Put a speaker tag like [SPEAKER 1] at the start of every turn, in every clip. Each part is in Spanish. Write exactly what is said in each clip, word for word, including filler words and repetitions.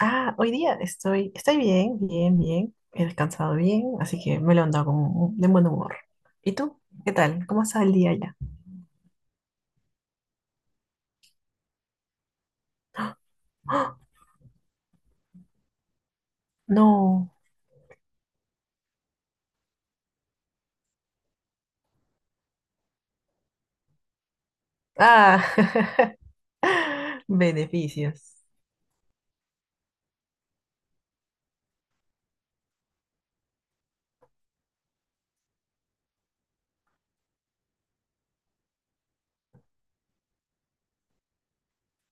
[SPEAKER 1] Ah, hoy día estoy, estoy bien, bien, bien. He descansado bien, así que me lo ando con un- de buen humor. ¿Y tú? ¿Qué tal? ¿Cómo está el día ya? ¡Ah! No. Ah, beneficios.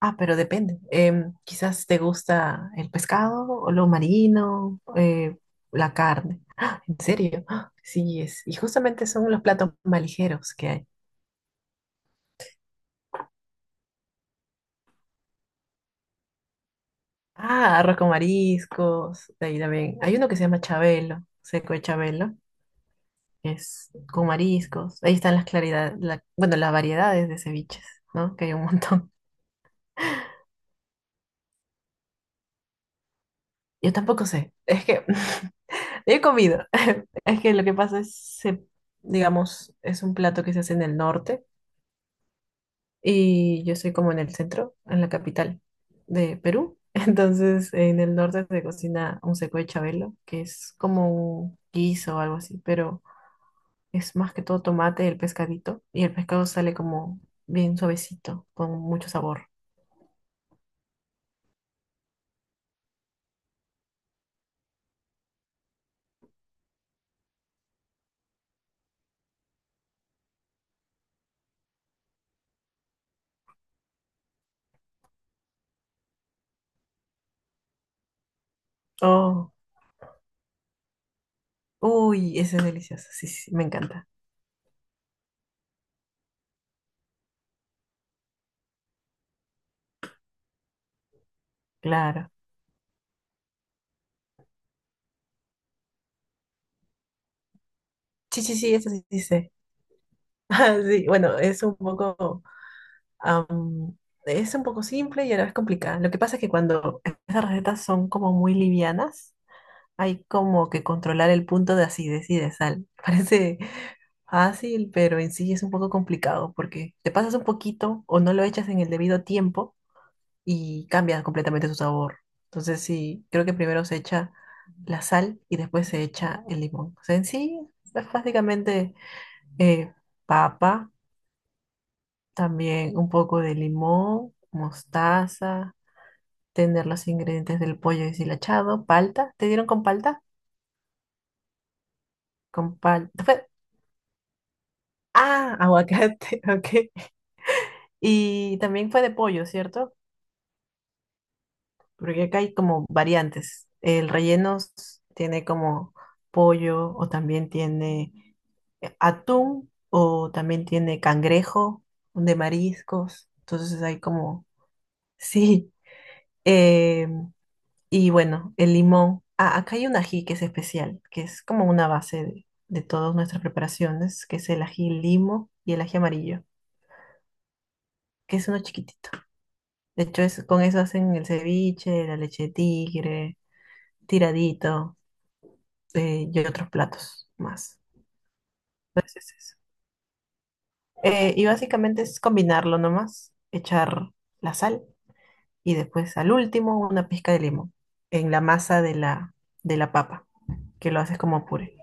[SPEAKER 1] Ah, pero depende. Em, quizás te gusta el pescado o lo marino, eh, la carne. ¡Ah! ¿En serio? ¡Ah! Sí, es. Y justamente son los platos más ligeros que hay. Ah, arroz con mariscos. De ahí también. Hay uno que se llama chabelo, seco de chabelo que es con mariscos. Ahí están las claridades, la- bueno, las variedades de ceviches, ¿no? Que hay un montón. Yo tampoco sé, es que he comido. Es que lo que pasa es, se- digamos, es un plato que se hace en el norte y yo soy como en el centro, en la capital de Perú. Entonces, en el norte se cocina un seco de chabelo, que es como un guiso o algo así, pero es más que todo tomate, el pescadito, y el pescado sale como bien suavecito, con mucho sabor. Oh, uy, esa es deliciosa. Sí, sí, sí, me encanta. Claro. Sí, sí, sí, eso sí, sí sé. Ah, sí, bueno, es un poco, am, es un poco simple y a la vez complicada. Lo que pasa es que cuando esas recetas son como muy livianas, hay como que controlar el punto de acidez y de sal. Parece fácil, pero en sí es un poco complicado porque te pasas un poquito o no lo echas en el debido tiempo y cambia completamente su sabor. Entonces sí, creo que primero se echa la sal y después se echa el limón. O sea, en sí es básicamente eh, papa, también un poco de limón, mostaza, tener los ingredientes del pollo deshilachado, palta. ¿Te dieron con palta? Con palta. Fue- Ah, aguacate, ok. Y también fue de pollo, ¿cierto? Porque acá hay como variantes. El relleno s- tiene como pollo o también tiene eh, atún o también tiene cangrejo de mariscos. Entonces hay como, sí. eh, y bueno, el limón. Ah, acá hay un ají que es especial, que es como una base de, de todas nuestras preparaciones, que es el ají limo y el ají amarillo, que es uno chiquitito. De hecho, es, con eso hacen el ceviche, la leche de tigre, tiradito. eh, y otros platos más. Entonces es eso. Eh, y básicamente es combinarlo nomás, echar la sal y después al último una pizca de limón en la masa de la, de la papa, que lo haces como puré.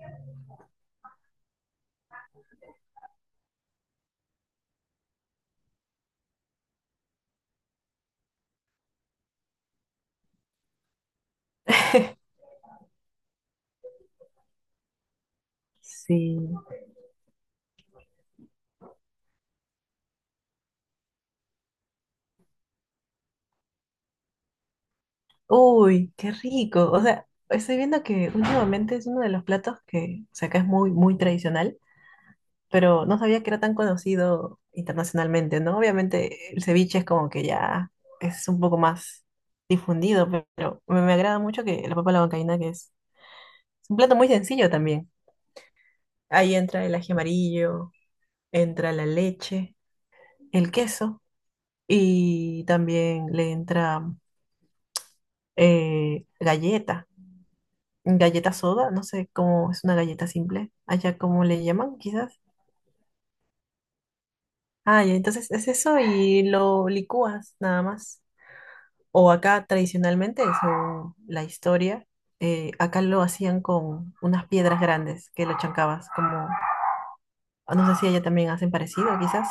[SPEAKER 1] Sí. Uy, qué rico. O sea, estoy viendo que últimamente es uno de los platos que, o sea, acá es muy, muy tradicional, pero no sabía que era tan conocido internacionalmente, ¿no? Obviamente el ceviche es como que ya es un poco más difundido, pe- pero me, me agrada mucho que la papa a la huancaína, que es, es un plato muy sencillo también. Ahí entra el ají amarillo, entra la leche, el queso y también le entra eh, galleta, galleta soda, no sé cómo es una galleta simple, allá cómo le llaman quizás. Ah, ya, entonces es eso y lo licúas nada más. O acá tradicionalmente, según la historia, eh, acá lo hacían con unas piedras grandes que lo chancabas, como, no sé si allá también hacen parecido, quizás.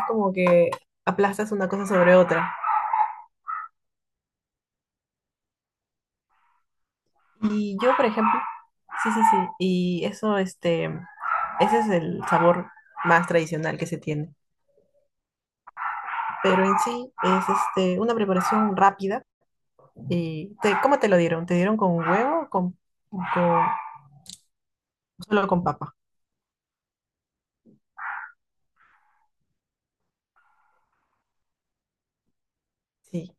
[SPEAKER 1] Es como que aplastas una cosa sobre otra. Y yo, por ejemplo, sí, sí, sí, y eso, este, ese es el sabor más tradicional que se tiene. Pero en sí es este, una preparación rápida. Y te- ¿cómo te lo dieron? ¿Te dieron con huevo o con, con- solo con papa? Sí,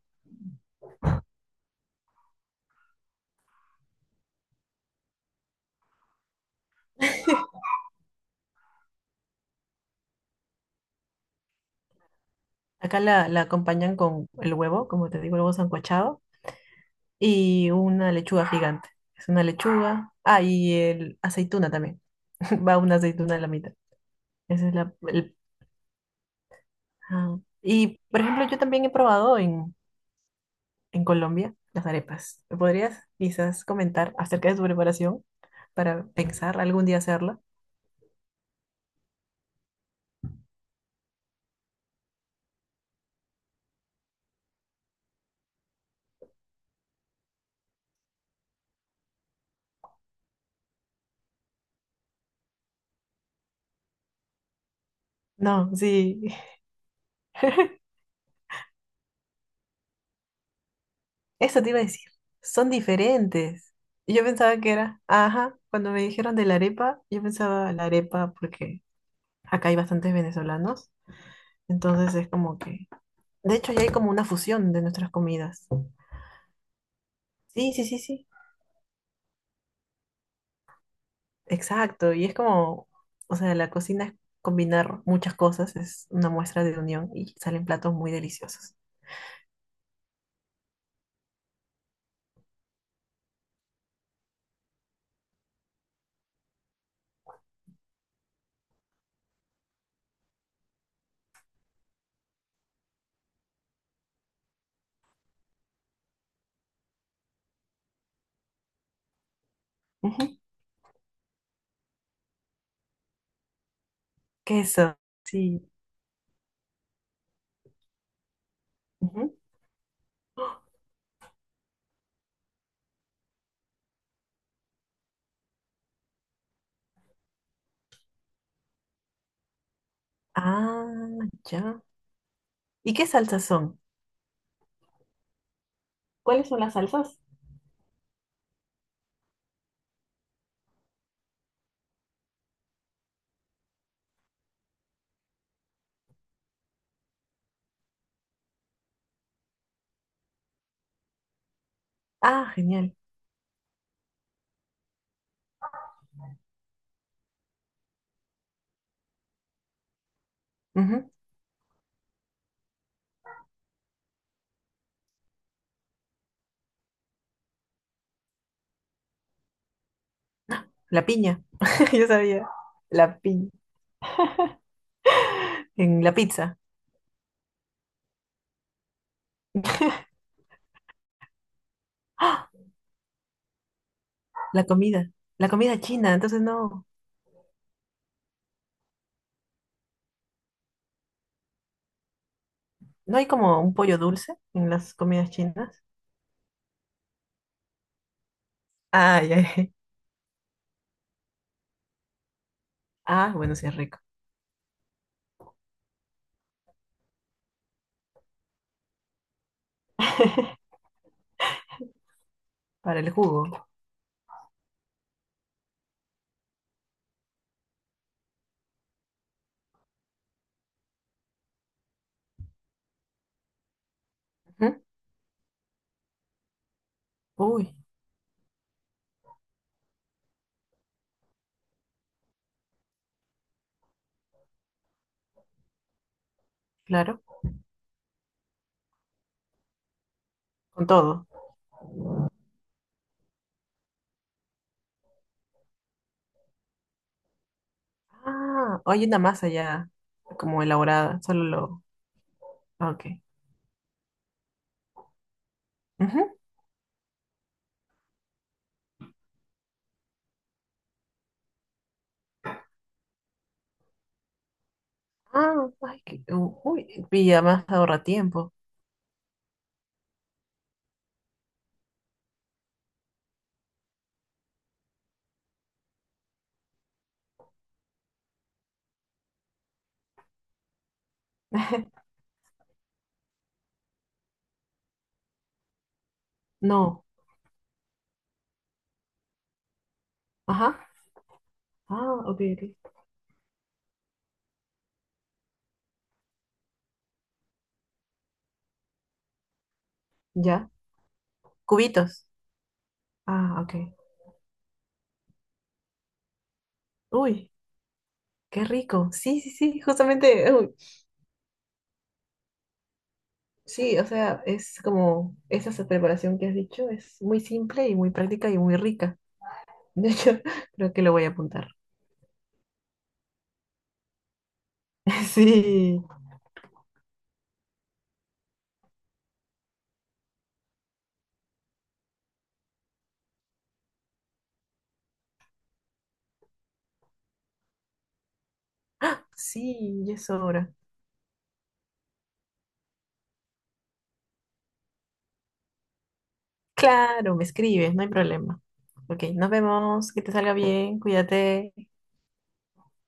[SPEAKER 1] acá la, la acompañan con el huevo, como te digo, el huevo sancochado, y una lechuga gigante. Es una lechuga. Ah, y el aceituna también. Va una aceituna a la mitad. Esa es la... el- ah. Y, por ejemplo, yo también he probado en, en Colombia las arepas. ¿Me podrías quizás comentar acerca de su preparación para pensar algún día hacerla? No, sí. Eso te iba a decir. Son diferentes. Y yo pensaba que era, ajá, cuando me dijeron de la arepa, yo pensaba la arepa porque acá hay bastantes venezolanos, entonces es como que, de hecho, ya hay como una fusión de nuestras comidas. Sí, sí, sí, sí, exacto. Y es como, o sea, la cocina es combinar muchas cosas, es una muestra de unión y salen platos muy deliciosos. Ujú. Queso, sí. Ujú. Ah, ya. ¿Y qué salsas son? ¿Cuáles son las salsas? Ah, genial. Ujú. La piña, yo sabía. La piña. En la pizza. ¡Ah! La comida, la comida china, entonces no. ¿No hay como un pollo dulce en las comidas chinas? Ah, ya, ya. Ah, bueno, sí es rico. Para el jugo. Ujú. Uy, claro, con todo. Ah, hay una masa ya como elaborada, solo lo... Ah, ok. Ujú. Ah, ay, qué- u- uy, y además ahorra tiempo. No, ajá. Ah, ok, ok. Ya. Cubitos. Ah, ok. Uy, qué rico. Sí, sí, sí, justamente, uy. Sí, o sea, es como esa sa- preparación que has dicho es muy simple y muy práctica y muy rica. De hecho, creo que lo voy a apuntar. Sí, sí, ya es hora. Claro, me escribes, no hay problema. Ok, nos vemos, que te salga bien, cuídate.